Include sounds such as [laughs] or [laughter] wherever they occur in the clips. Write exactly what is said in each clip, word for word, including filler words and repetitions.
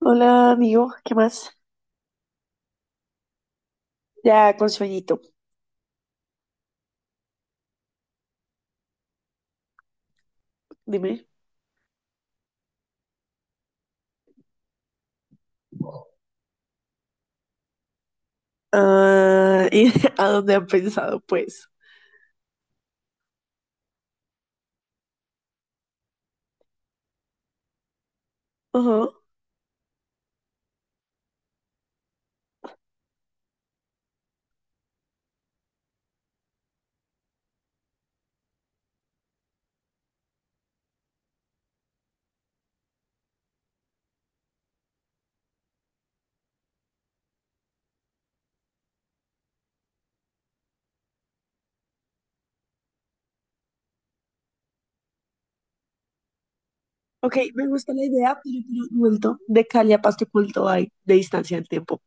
Hola, amigo, ¿qué más? Ya con sueñito, dime. Ah, ¿y [laughs] a dónde han pensado, pues? Ajá. Ok, me gusta la idea, pero, pero vuelto de Cali a Pasto, ¿cuánto hay de distancia en tiempo?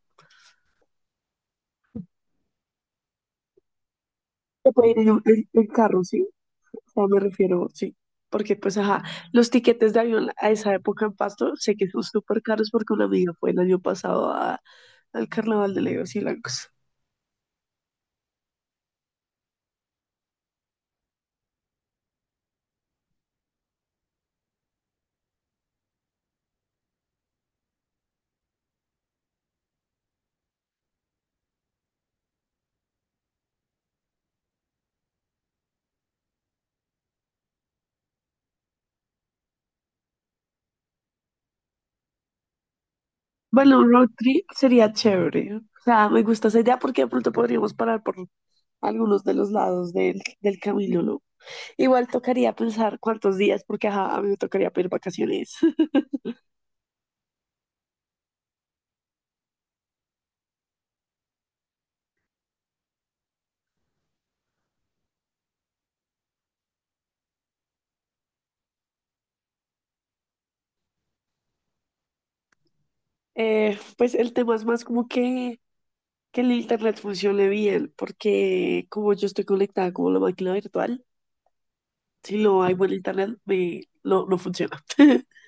Se puede ir en, un- en- en carro, ¿sí? O sea, me refiero, sí. Porque, pues, ajá, los tiquetes de avión a esa época en Pasto sé que son súper caros porque una amiga fue el año pasado a- al Carnaval de Legos y Blancos. Bueno, un road trip sería chévere. O sea, me gusta esa idea porque de pronto podríamos parar por algunos de los lados del, del camino, ¿no? Igual tocaría pensar cuántos días, porque ajá, a mí me tocaría pedir vacaciones. [laughs] Eh, pues el tema es más como que, que el internet funcione bien, porque como yo estoy conectada como la máquina virtual, si no hay buen internet, me, no, no funciona. [laughs]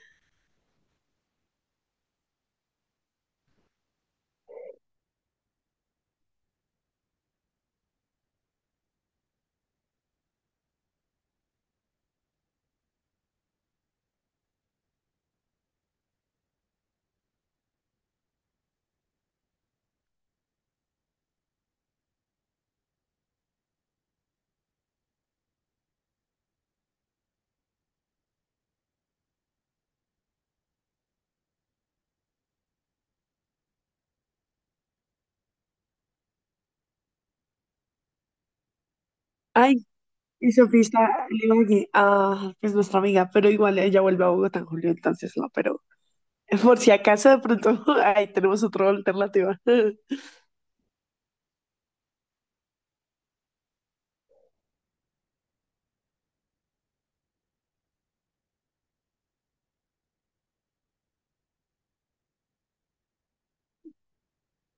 Ay, y Sofía está en Ibagué. Ah, es nuestra amiga, pero igual ella vuelve a Bogotá en julio, entonces no, pero [laughs] por si acaso de pronto [laughs] ahí tenemos otra alternativa. [laughs]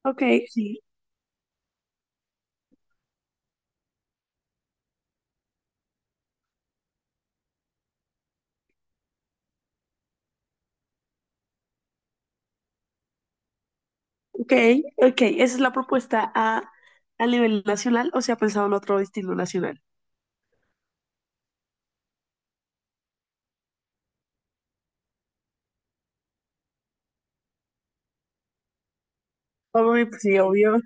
Ok, sí. Ok, ok, esa es la propuesta a, a nivel nacional o se ha pensado en otro destino nacional. Hombre, pues sí, obvio,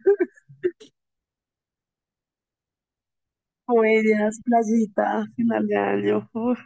comedias, playita, final de año. Uf.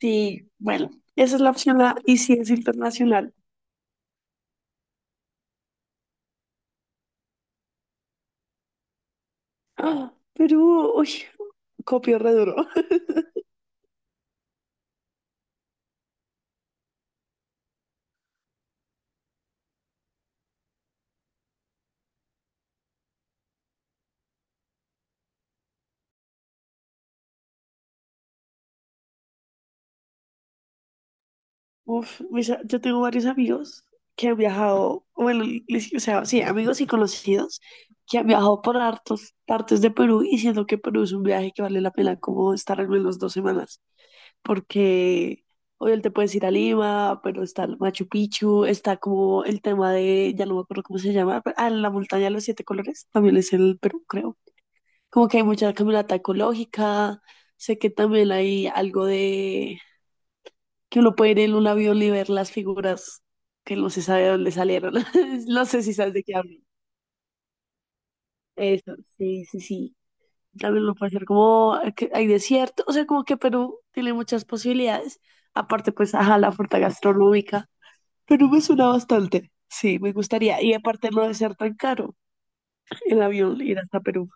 Sí, bueno, esa es la opción A y si es internacional. Ah, Perú, uy, copio re duro. [laughs] Uf, mis a- yo tengo varios amigos que han viajado, bueno, les- o sea, sí, amigos y conocidos que han viajado por hartos partes de Perú y siento que Perú es un viaje que vale la pena como estar al menos dos semanas. Porque obviamente puedes ir a Lima, pero está el Machu Picchu, está como el tema de, ya no me acuerdo cómo se llama, pero- ah, la montaña de los siete colores, también es en el Perú, creo. Como que hay mucha caminata ecológica, sé que también hay algo de que uno puede ir en un avión y ver las figuras que no se sabe de dónde salieron, [laughs] no sé si sabes de qué hablo. Eso, sí, sí, sí. También lo puede hacer como que hay desierto, o sea, como que Perú tiene muchas posibilidades. Aparte, pues, ajá, la oferta gastronómica. Pero me suena bastante. Sí, me gustaría. Y aparte no debe ser tan caro el avión ir hasta Perú.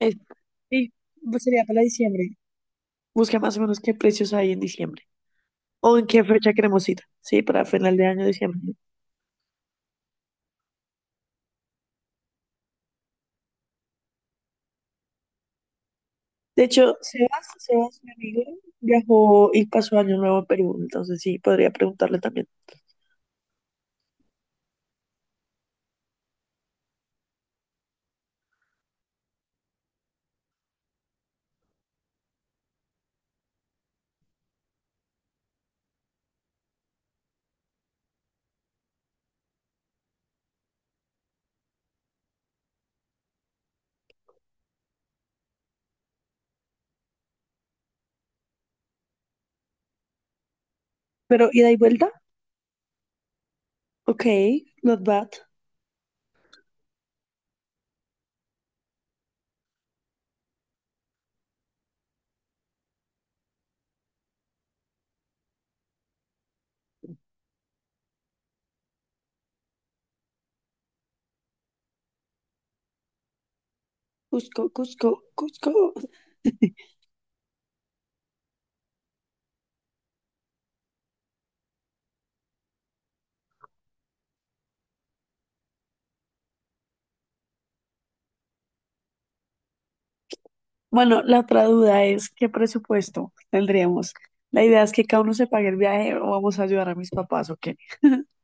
Es- sí, pues sería para diciembre. Busca más o menos qué precios hay en diciembre. O en qué fecha queremos ir. Sí, para final de año, diciembre. De hecho, Sebas, Sebas, mi amigo, viajó y pasó año nuevo en Perú. Entonces sí, podría preguntarle también. Pero ida y vuelta. Ok, not bad. Cusco, Cusco, Cusco. [laughs] Bueno, la otra duda es qué presupuesto tendríamos. La idea es que cada uno se pague el viaje o vamos a ayudar a mis papás, ¿o qué? [laughs]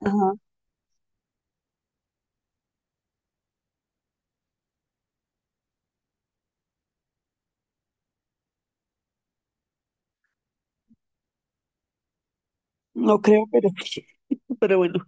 Ajá, no creo, pero, pero bueno.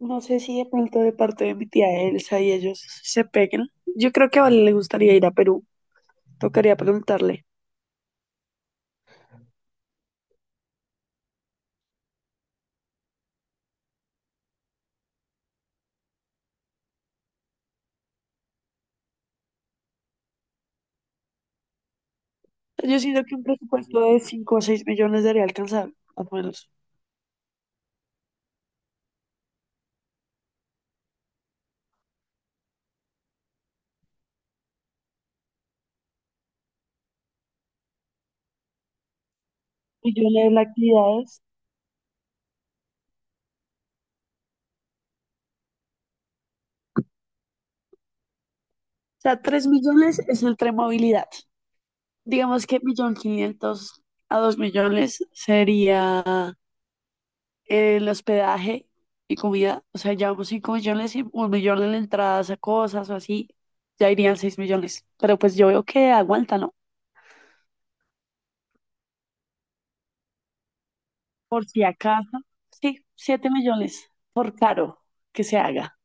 No sé si de pronto de parte de mi tía Elsa y ellos se peguen. Yo creo que a Vale le gustaría ir a Perú. Tocaría preguntarle. Yo siento que un presupuesto de cinco o seis millones debería alcanzar, más o menos. Millones de actividades. O sea, tres millones es el tren movilidad. Digamos que millón quinientos a dos millones sería el hospedaje y comida, o sea, llevamos cinco millones y un millón en entradas a cosas o así, ya irían seis millones. Pero pues yo veo que aguanta, ¿no? Por si acaso, sí, siete millones, por caro que se haga.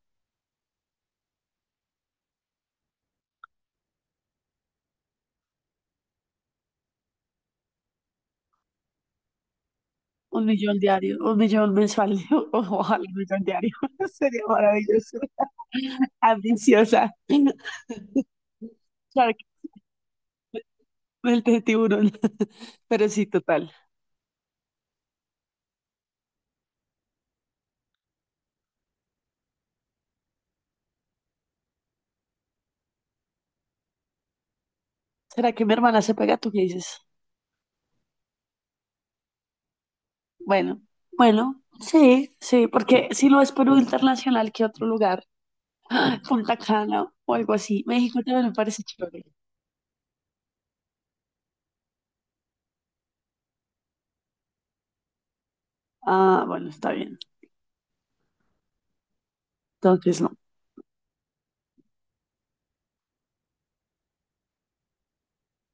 Un millón diario, un millón mensual, [laughs] o- ojalá un millón diario, [laughs] sería maravilloso, ambiciosa. Claro que el de tiburón, [laughs] pero sí, total. ¿Será que mi hermana se pega? ¿Tú qué dices? Bueno, bueno, sí, sí, porque si no es Perú internacional, ¿qué otro lugar? Punta Cana o algo así. México también me parece chévere. Ah, bueno, está bien. Entonces no.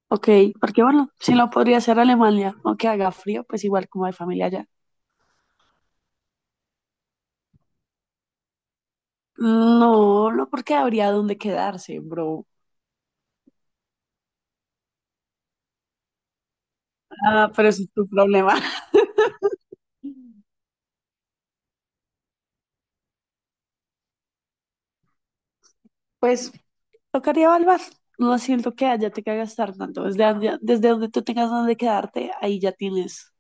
Ok, porque bueno, si no podría ser Alemania, aunque haga frío, pues igual como hay familia allá. No, no porque habría dónde quedarse, bro. Ah, pero ese es tu problema. [laughs] Pues tocaría evaluar. No siento que haya te que gastar tanto. Desde, donde- desde donde tú tengas donde quedarte, ahí ya tienes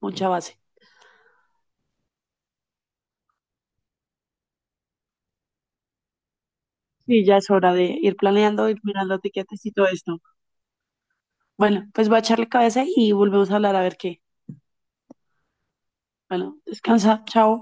mucha base. Sí, ya es hora de ir planeando, ir mirando etiquetas y todo esto. Bueno, pues voy a echarle cabeza y volvemos a hablar a ver qué. Bueno, descansa, chao.